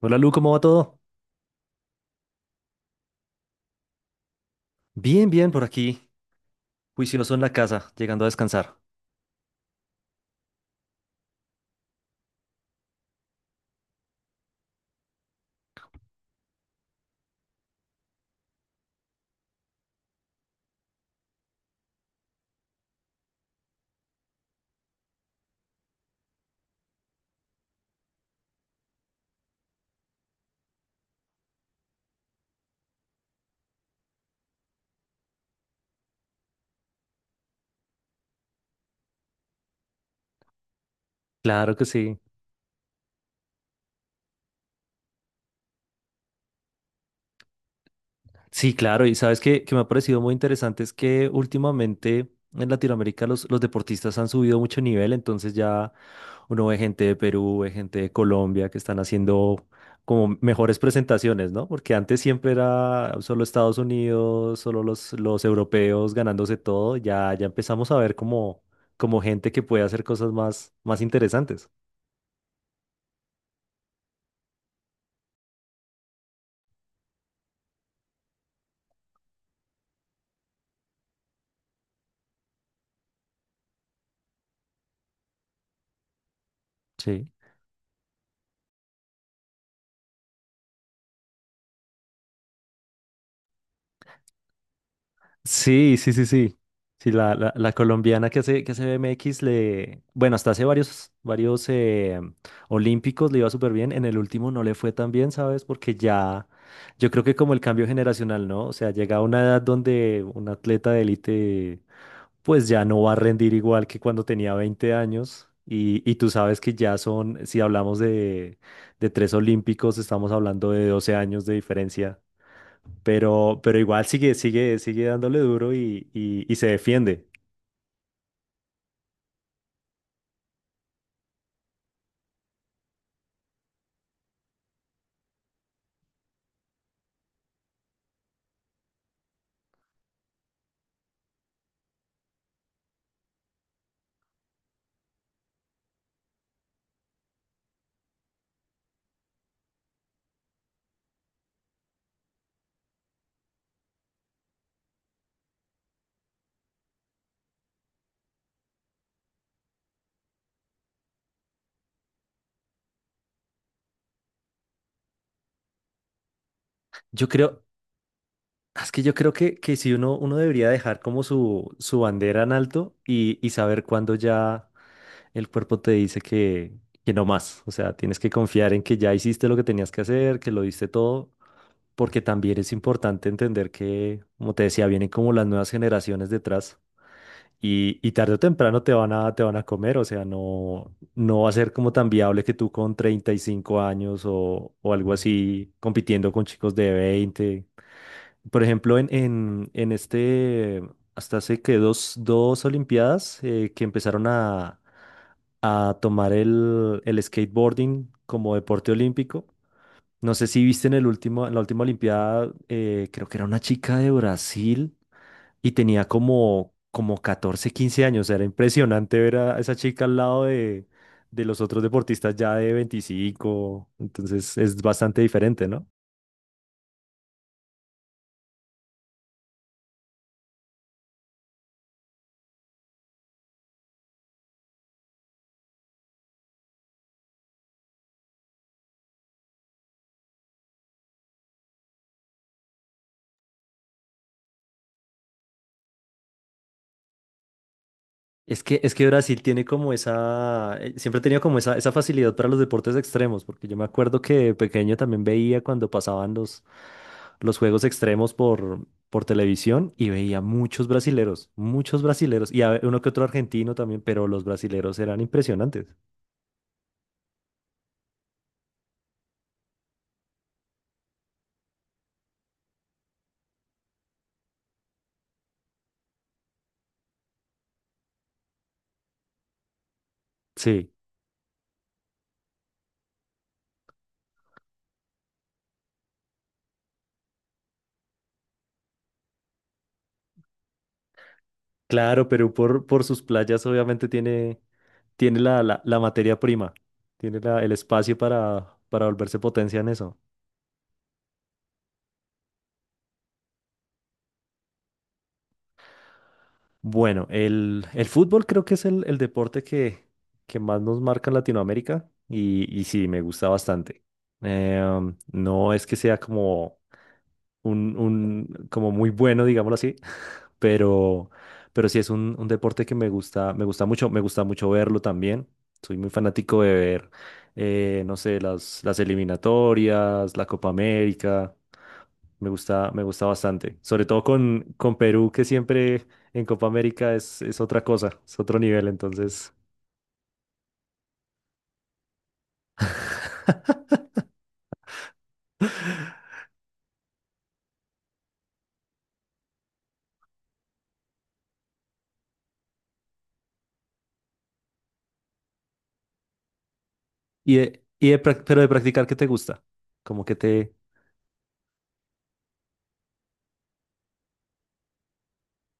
Hola Lu, ¿cómo va todo? Bien, bien, por aquí, juicioso en la casa, llegando a descansar. Claro que sí. Sí, claro, y sabes que me ha parecido muy interesante es que últimamente en Latinoamérica los deportistas han subido mucho nivel, entonces ya uno ve gente de Perú, ve gente de Colombia que están haciendo como mejores presentaciones, ¿no? Porque antes siempre era solo Estados Unidos, solo los europeos ganándose todo, ya empezamos a ver como gente que puede hacer cosas más interesantes. Sí. Sí, sí, sí, sí. Sí, la colombiana que hace BMX le, bueno, hasta hace varios olímpicos le iba súper bien. En el último no le fue tan bien, ¿sabes? Porque ya, yo creo que como el cambio generacional, ¿no? O sea, llega a una edad donde un atleta de élite, pues ya no va a rendir igual que cuando tenía 20 años. Y tú sabes que ya son, si hablamos de tres olímpicos, estamos hablando de 12 años de diferencia. Pero igual sigue dándole duro y, y se defiende. Yo creo, es que yo creo que si uno debería dejar como su bandera en alto y saber cuándo ya el cuerpo te dice que no más. O sea, tienes que confiar en que ya hiciste lo que tenías que hacer, que lo diste todo, porque también es importante entender que, como te decía, vienen como las nuevas generaciones detrás. Y tarde o temprano te van te van a comer, o sea, no, no va a ser como tan viable que tú con 35 años o algo así compitiendo con chicos de veinte. Por ejemplo, hasta hace que dos Olimpiadas que empezaron a tomar el skateboarding como deporte olímpico. No sé si viste en el último, en la última Olimpiada, creo que era una chica de Brasil y tenía como 14 15 años. Era impresionante ver a esa chica al lado de los otros deportistas ya de veinticinco. Entonces es bastante diferente, ¿no? Es que Brasil tiene como esa, siempre ha tenido como esa facilidad para los deportes extremos, porque yo me acuerdo que de pequeño también veía cuando pasaban los juegos extremos por televisión y veía muchos brasileros, y a- uno que otro argentino también, pero los brasileros eran impresionantes. Sí, claro, Perú por sus playas obviamente tiene, tiene la materia prima, tiene la- el espacio para volverse potencia en eso. Bueno, el fútbol creo que es el deporte que más nos marca en Latinoamérica y sí, me gusta bastante. No es que sea como un- como muy bueno, digámoslo así, pero, pero sí es un deporte que me gusta mucho verlo también. Soy muy fanático de ver, no sé, las eliminatorias, la Copa América. Me gusta bastante. Sobre todo con Perú, que siempre en Copa América es otra cosa, es otro nivel, entonces. Pero de practicar, ¿qué te gusta? Como que te...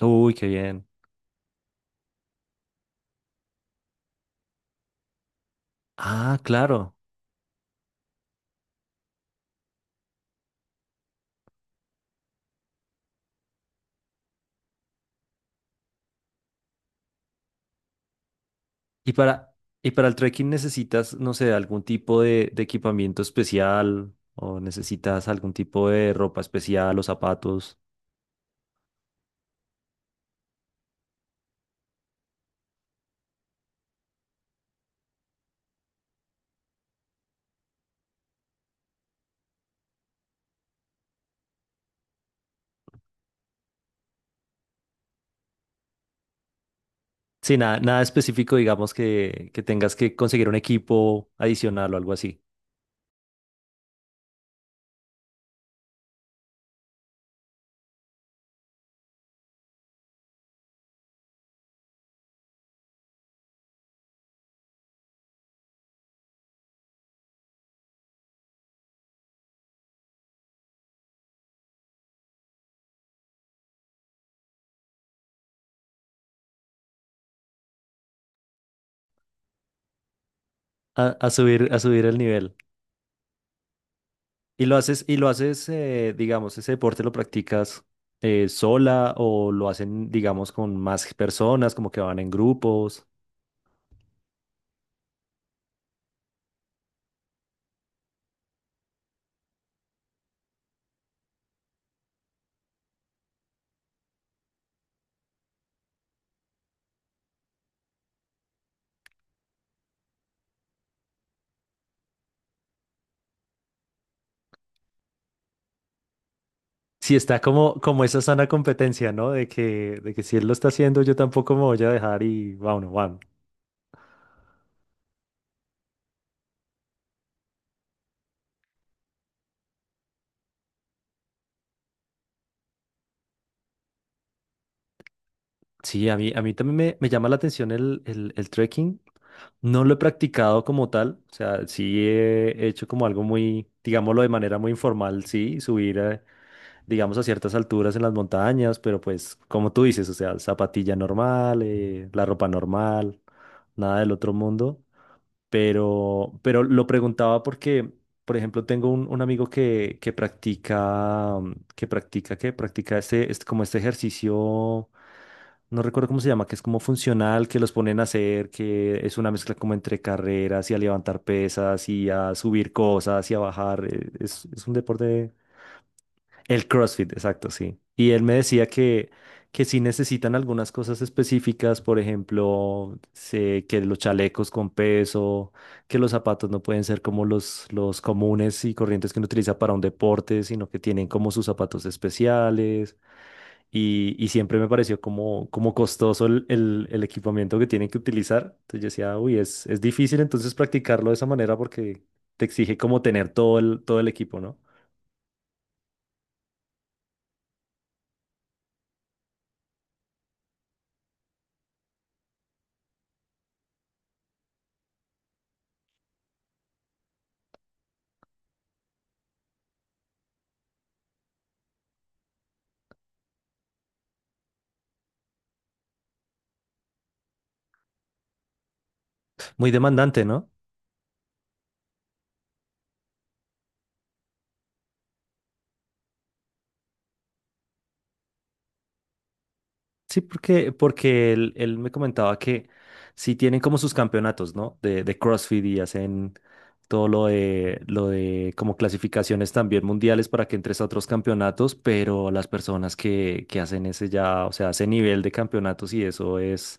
Uy, qué bien. Ah, claro. Y para, y para el trekking necesitas, no sé, algún tipo de equipamiento especial o necesitas algún tipo de ropa especial o zapatos. Sí, nada, nada específico, digamos, que tengas que conseguir un equipo adicional o algo así. A subir el nivel. Y lo haces, digamos, ese deporte lo practicas sola o lo hacen, digamos, con más personas, como que van en grupos. Sí, está como, como esa sana competencia, ¿no? De que si él lo está haciendo, yo tampoco me voy a dejar y bueno, bueno. Sí, a mí también me llama la atención el trekking. No lo he practicado como tal, o sea, sí he hecho como algo muy, digámoslo de manera muy informal, sí, subir, digamos, a ciertas alturas en las montañas, pero pues, como tú dices, o sea, zapatilla normal, la ropa normal, nada del otro mundo. Pero lo preguntaba porque, por ejemplo, tengo un amigo que practica, que practica este, este- como este ejercicio, no recuerdo cómo se llama, que es como funcional, que los ponen a hacer, que es una mezcla como entre carreras y a levantar pesas y a subir cosas y a bajar. Es un deporte el CrossFit, exacto, sí. Y él me decía que sí necesitan algunas cosas específicas, por ejemplo, se- que los chalecos con peso, que los zapatos no pueden ser como los comunes y corrientes que uno utiliza para un deporte, sino que tienen como sus zapatos especiales. Y siempre me pareció como, como costoso el equipamiento que tienen que utilizar. Entonces yo decía, uy, es difícil entonces practicarlo de esa manera porque te exige como tener todo todo el equipo, ¿no? Muy demandante, ¿no? Sí, porque, porque él me comentaba que sí tienen como sus campeonatos, ¿no? De CrossFit y hacen todo lo de como clasificaciones también mundiales para que entres a otros campeonatos, pero las personas que hacen ese ya, o sea, ese nivel de campeonatos y eso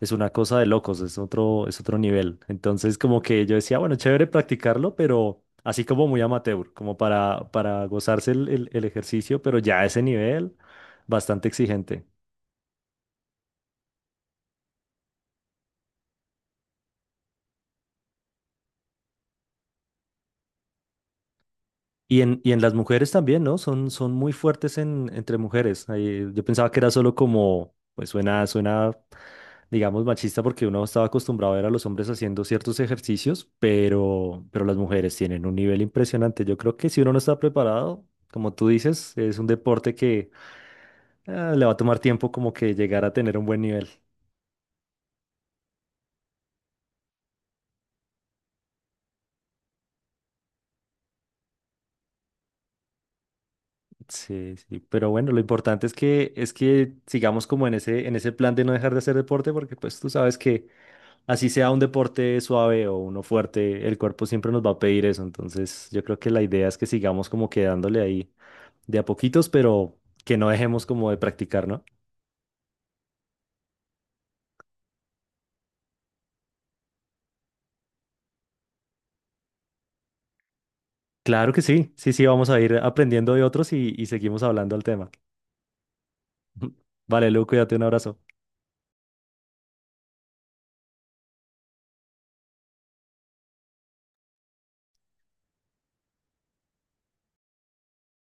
es una cosa de locos, es otro nivel. Entonces, como que yo decía, bueno, chévere practicarlo, pero así como muy amateur, como para gozarse el ejercicio, pero ya a ese nivel, bastante exigente. Y en las mujeres también, ¿no? Son, son muy fuertes en, entre mujeres. Ahí, yo pensaba que era solo como, pues suena, suena, digamos, machista porque uno estaba acostumbrado a ver a los hombres haciendo ciertos ejercicios, pero las mujeres tienen un nivel impresionante. Yo creo que si uno no está preparado, como tú dices, es un deporte que le va a tomar tiempo como que llegar a tener un buen nivel. Sí, sí, pero bueno, lo importante es que sigamos como en ese plan de no dejar de hacer deporte porque pues tú sabes que así sea un deporte suave o uno fuerte, el cuerpo siempre nos va a pedir eso. Entonces, yo creo que la idea es que sigamos como quedándole ahí de a poquitos, pero que no dejemos como de practicar, ¿no? Claro que sí, sí, sí, vamos a ir aprendiendo de otros y seguimos hablando al tema. Vale, Lu, cuídate, un abrazo.